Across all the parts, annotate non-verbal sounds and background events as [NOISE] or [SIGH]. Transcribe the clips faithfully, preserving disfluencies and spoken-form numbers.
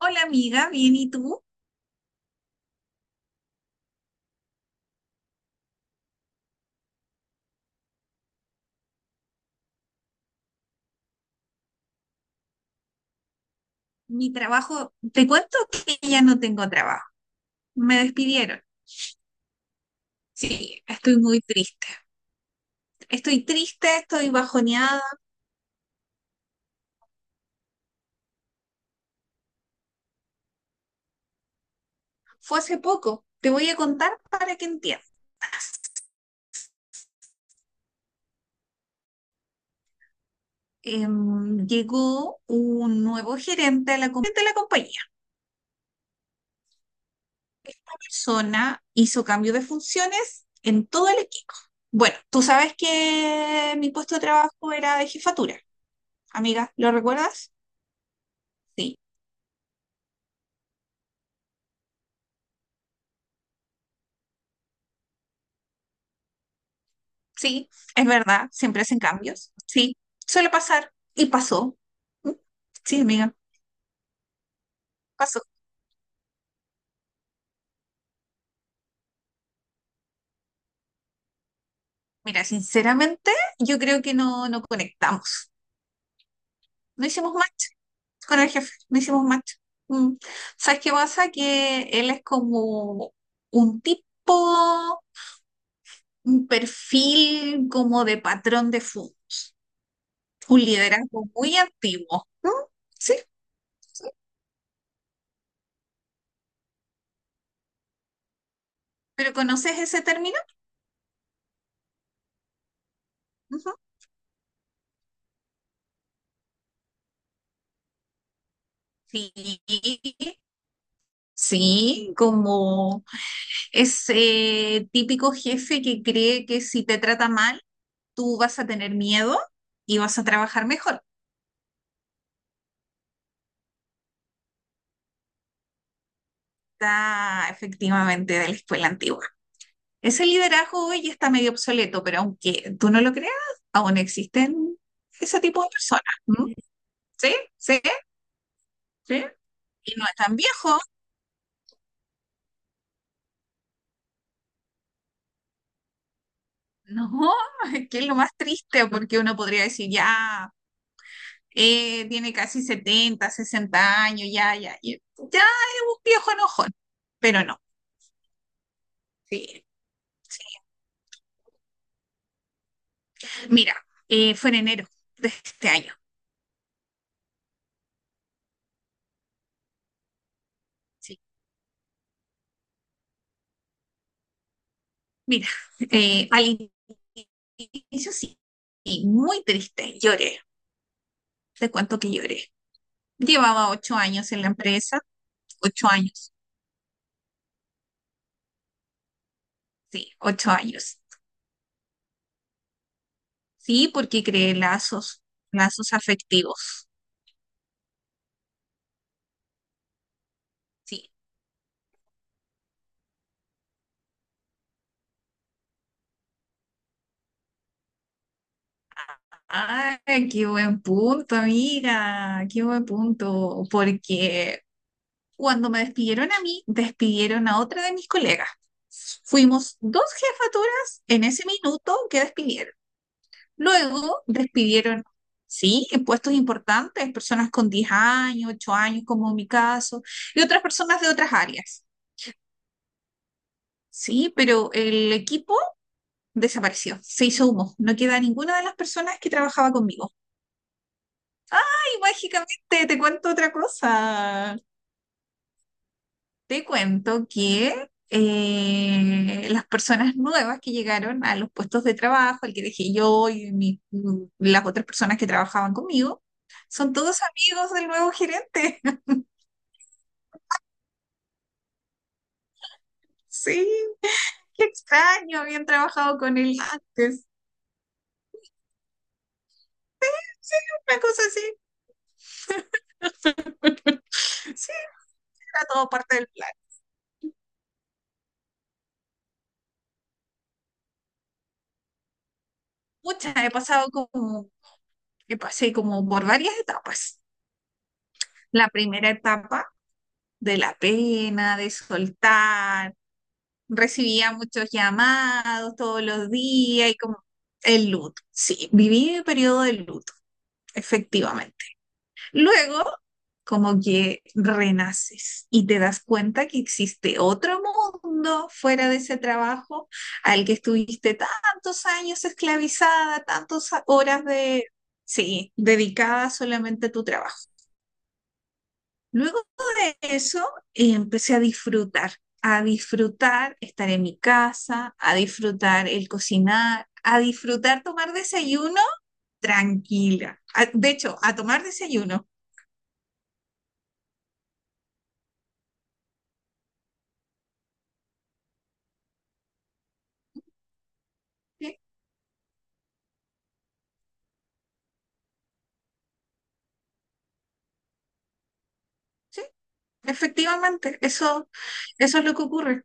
Hola amiga, bien, ¿y tú? Mi trabajo, te cuento que ya no tengo trabajo. Me despidieron. Sí, estoy muy triste. Estoy triste, estoy bajoneada. Fue hace poco. Te voy a contar para que entiendas. Em, llegó un nuevo gerente de la, com- de la compañía. La persona hizo cambio de funciones en todo el equipo. Bueno, tú sabes que mi puesto de trabajo era de jefatura, amiga, ¿lo recuerdas? Sí. Sí, es verdad, siempre hacen cambios. Sí, suele pasar y pasó. Mm. Sí, amiga, pasó. Mira, sinceramente, yo creo que no, no conectamos. No hicimos match con el jefe, no hicimos match. Mm. ¿Sabes qué pasa? Que él es como un tipo, un perfil como de patrón de fútbol, un liderazgo muy antiguo. Mm. Sí, sí. ¿Pero conoces ese término? Ujú. Sí, sí, como es eh, típico jefe que cree que si te trata mal, tú vas a tener miedo y vas a trabajar mejor. Está efectivamente de la escuela antigua. Ese liderazgo hoy está medio obsoleto, pero aunque tú no lo creas, aún existen ese tipo de personas. ¿Mm? ¿Sí? ¿Sí? ¿Sí? Y no es tan viejo. No, [LAUGHS] que es lo más triste porque uno podría decir, ya, eh, tiene casi setenta sesenta años, ya, ya, y- ya es un viejo enojón, pero no. Sí, sí. Mira, eh, fue en enero de este año. Sí. Mira, eh, al inicio sí, y muy triste, lloré. Te cuento que lloré. Llevaba ocho años en la empresa, ocho años, sí, ocho años. Sí, porque creé lazos, lazos afectivos. Sí. Ay, qué buen punto, amiga, qué buen punto, porque cuando me despidieron a mí, despidieron a otra de mis colegas. Fuimos dos jefaturas en ese minuto que despidieron. Luego despidieron, sí, en puestos importantes, personas con diez años, ocho años, como en mi caso, y otras personas de otras áreas. Sí, pero el equipo desapareció, se hizo humo, no queda ninguna de las personas que trabajaba conmigo. Y mágicamente te cuento otra cosa. Te cuento que eh, las personas nuevas que llegaron a los puestos de trabajo, el que dejé yo y mi- mm, las otras personas que trabajaban conmigo, son todos amigos del nuevo gerente. [LAUGHS] Sí, qué extraño, habían trabajado con él antes. Una cosa así, sí, era todo parte del plan. Muchas, he pasado como, he pasé como por varias etapas. La primera etapa de la pena, de soltar recibía muchos llamados todos los días y como el luto. Sí, viví el periodo de luto, efectivamente. Luego, como que renaces y te das cuenta que existe otro mundo fuera de ese trabajo al que estuviste tantos años esclavizada, tantas horas de, sí, dedicada solamente a tu trabajo. Luego de eso, eh, empecé a disfrutar, a disfrutar estar en mi casa, a disfrutar el cocinar, a disfrutar tomar desayuno tranquila. A- de hecho, a tomar desayuno. Sí, sí, efectivamente, eso, eso es lo que ocurre.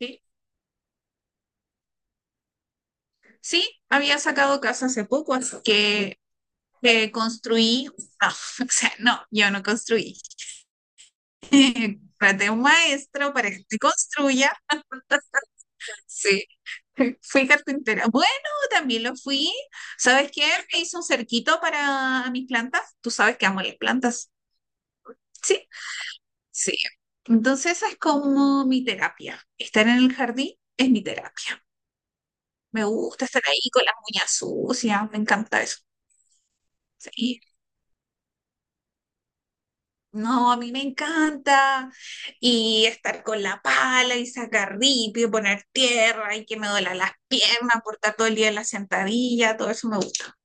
Sí, sí, había sacado casa hace poco, así que eh, construí, no, [LAUGHS] o sea, no, yo no construí. [LAUGHS] Traté a un maestro para que te construya. [LAUGHS] Sí. [LAUGHS] Fui carpintera. Bueno, también lo fui. ¿Sabes qué? Me hice un cerquito para mis plantas. Tú sabes que amo las plantas. Sí, sí. Entonces esa es como mi terapia. Estar en el jardín es mi terapia. Me gusta estar ahí con las uñas sucias. Me encanta eso. Sí. No, a mí me encanta. Y estar con la pala y sacar ripio, poner tierra y que me duela las piernas, por estar todo el día en la sentadilla. Todo eso me gusta.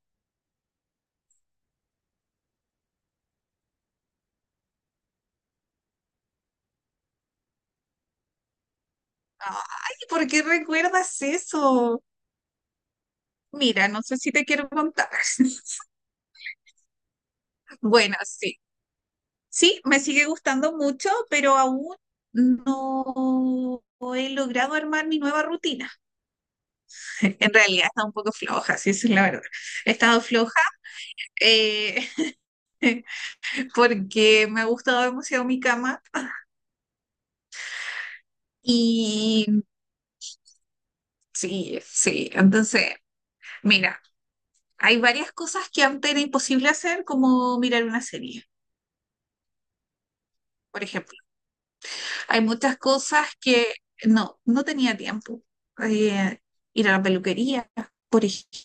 Ay, ¿por qué recuerdas eso? Mira, no sé si te quiero contar. [LAUGHS] Bueno, sí. Sí, me sigue gustando mucho, pero aún no he logrado armar mi nueva rutina. [LAUGHS] En realidad está un poco floja, sí, esa es la verdad. He estado floja eh, [LAUGHS] porque me ha gustado demasiado mi cama y sí, sí. Entonces, mira, hay varias cosas que antes era imposible hacer, como mirar una serie, por ejemplo. Hay muchas cosas que no, no tenía tiempo. Eh, ir a la peluquería, por ejemplo.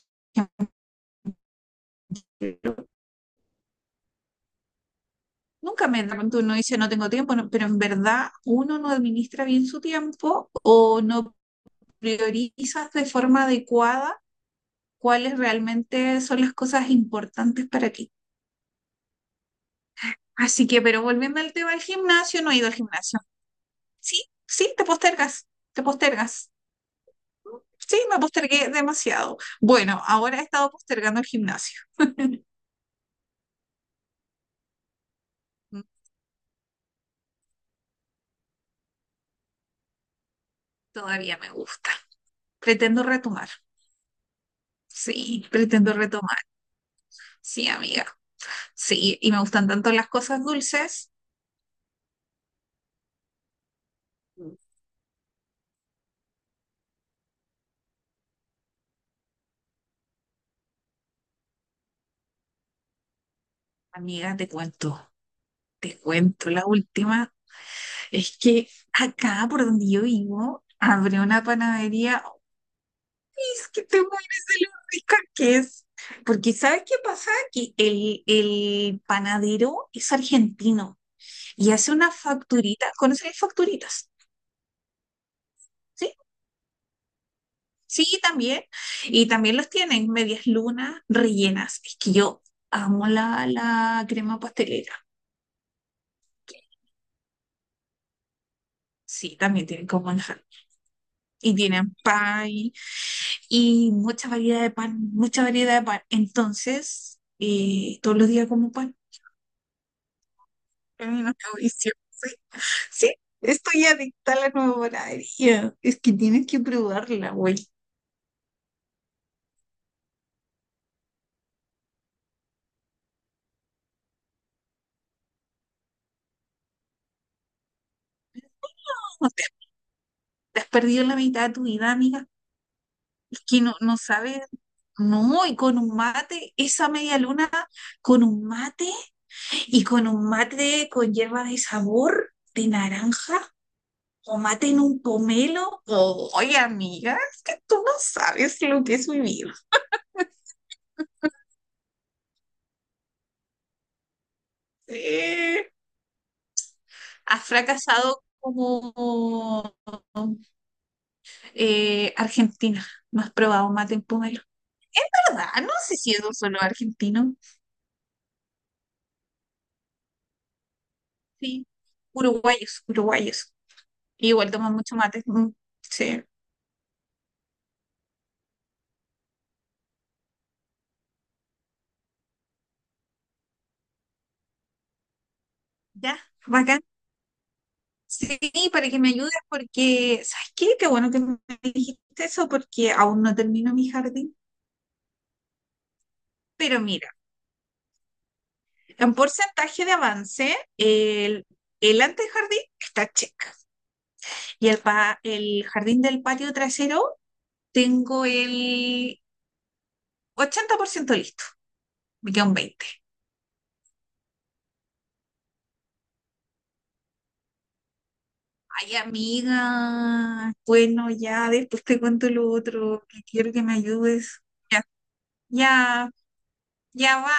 Nunca me da cuenta, uno dice no tengo tiempo, no, pero en verdad uno no administra bien su tiempo o no priorizas de forma adecuada cuáles realmente son las cosas importantes para ti. Así que, pero volviendo al tema del gimnasio, no he ido al gimnasio. Sí, sí, te postergas, te postergas. Sí, me postergué demasiado. Bueno, ahora he estado postergando el gimnasio. Mm. Todavía me gusta. Pretendo retomar. Sí, pretendo retomar. Sí, amiga. Sí, y me gustan tanto las cosas dulces. Mm. Amiga, te cuento, te cuento. La última es que acá por donde yo vivo, abrió una panadería. ¡Uy, es que te mueres de lo rica que es! Porque ¿sabes qué pasa? Que el, el panadero es argentino y hace unas facturitas. ¿Conoces las facturitas? ¿Sí? Sí, también. Y también los tienen medias lunas rellenas. Es que yo amo la, la crema pastelera. Sí, también tienen como manjar. Y tienen pan y mucha variedad de pan, mucha variedad de pan. Entonces, eh, todos los días como pan. Es una tradición. Sí, sí, estoy adicta a la nueva panadería. Es que tienes que probarla, güey. No, Te, te has perdido la mitad de tu vida, amiga. Que no, no sabe, no, y con un mate, esa media luna con un mate y con un mate con hierba de sabor de naranja o mate en un pomelo. Oye, amiga, es que tú no sabes lo que es vivir. Eh, has fracasado como eh, Argentina. No has probado mate en pomelo. ¿Verdad? No sé si es solo argentino. Sí. Uruguayos, uruguayos. Igual toman mucho mate. Mm. Sí. Ya, bacán. Sí, para que me ayudes, porque, ¿sabes qué? Qué bueno que me dijiste eso, porque aún no termino mi jardín. Pero mira, en porcentaje de avance, el, el antejardín está check. Y el, pa- el jardín del patio trasero, tengo el ochenta por ciento listo. Me queda un veinte por ciento. Ay, amiga. Bueno, ya, después te cuento lo otro, que quiero que me ayudes. Ya, ya, ya va.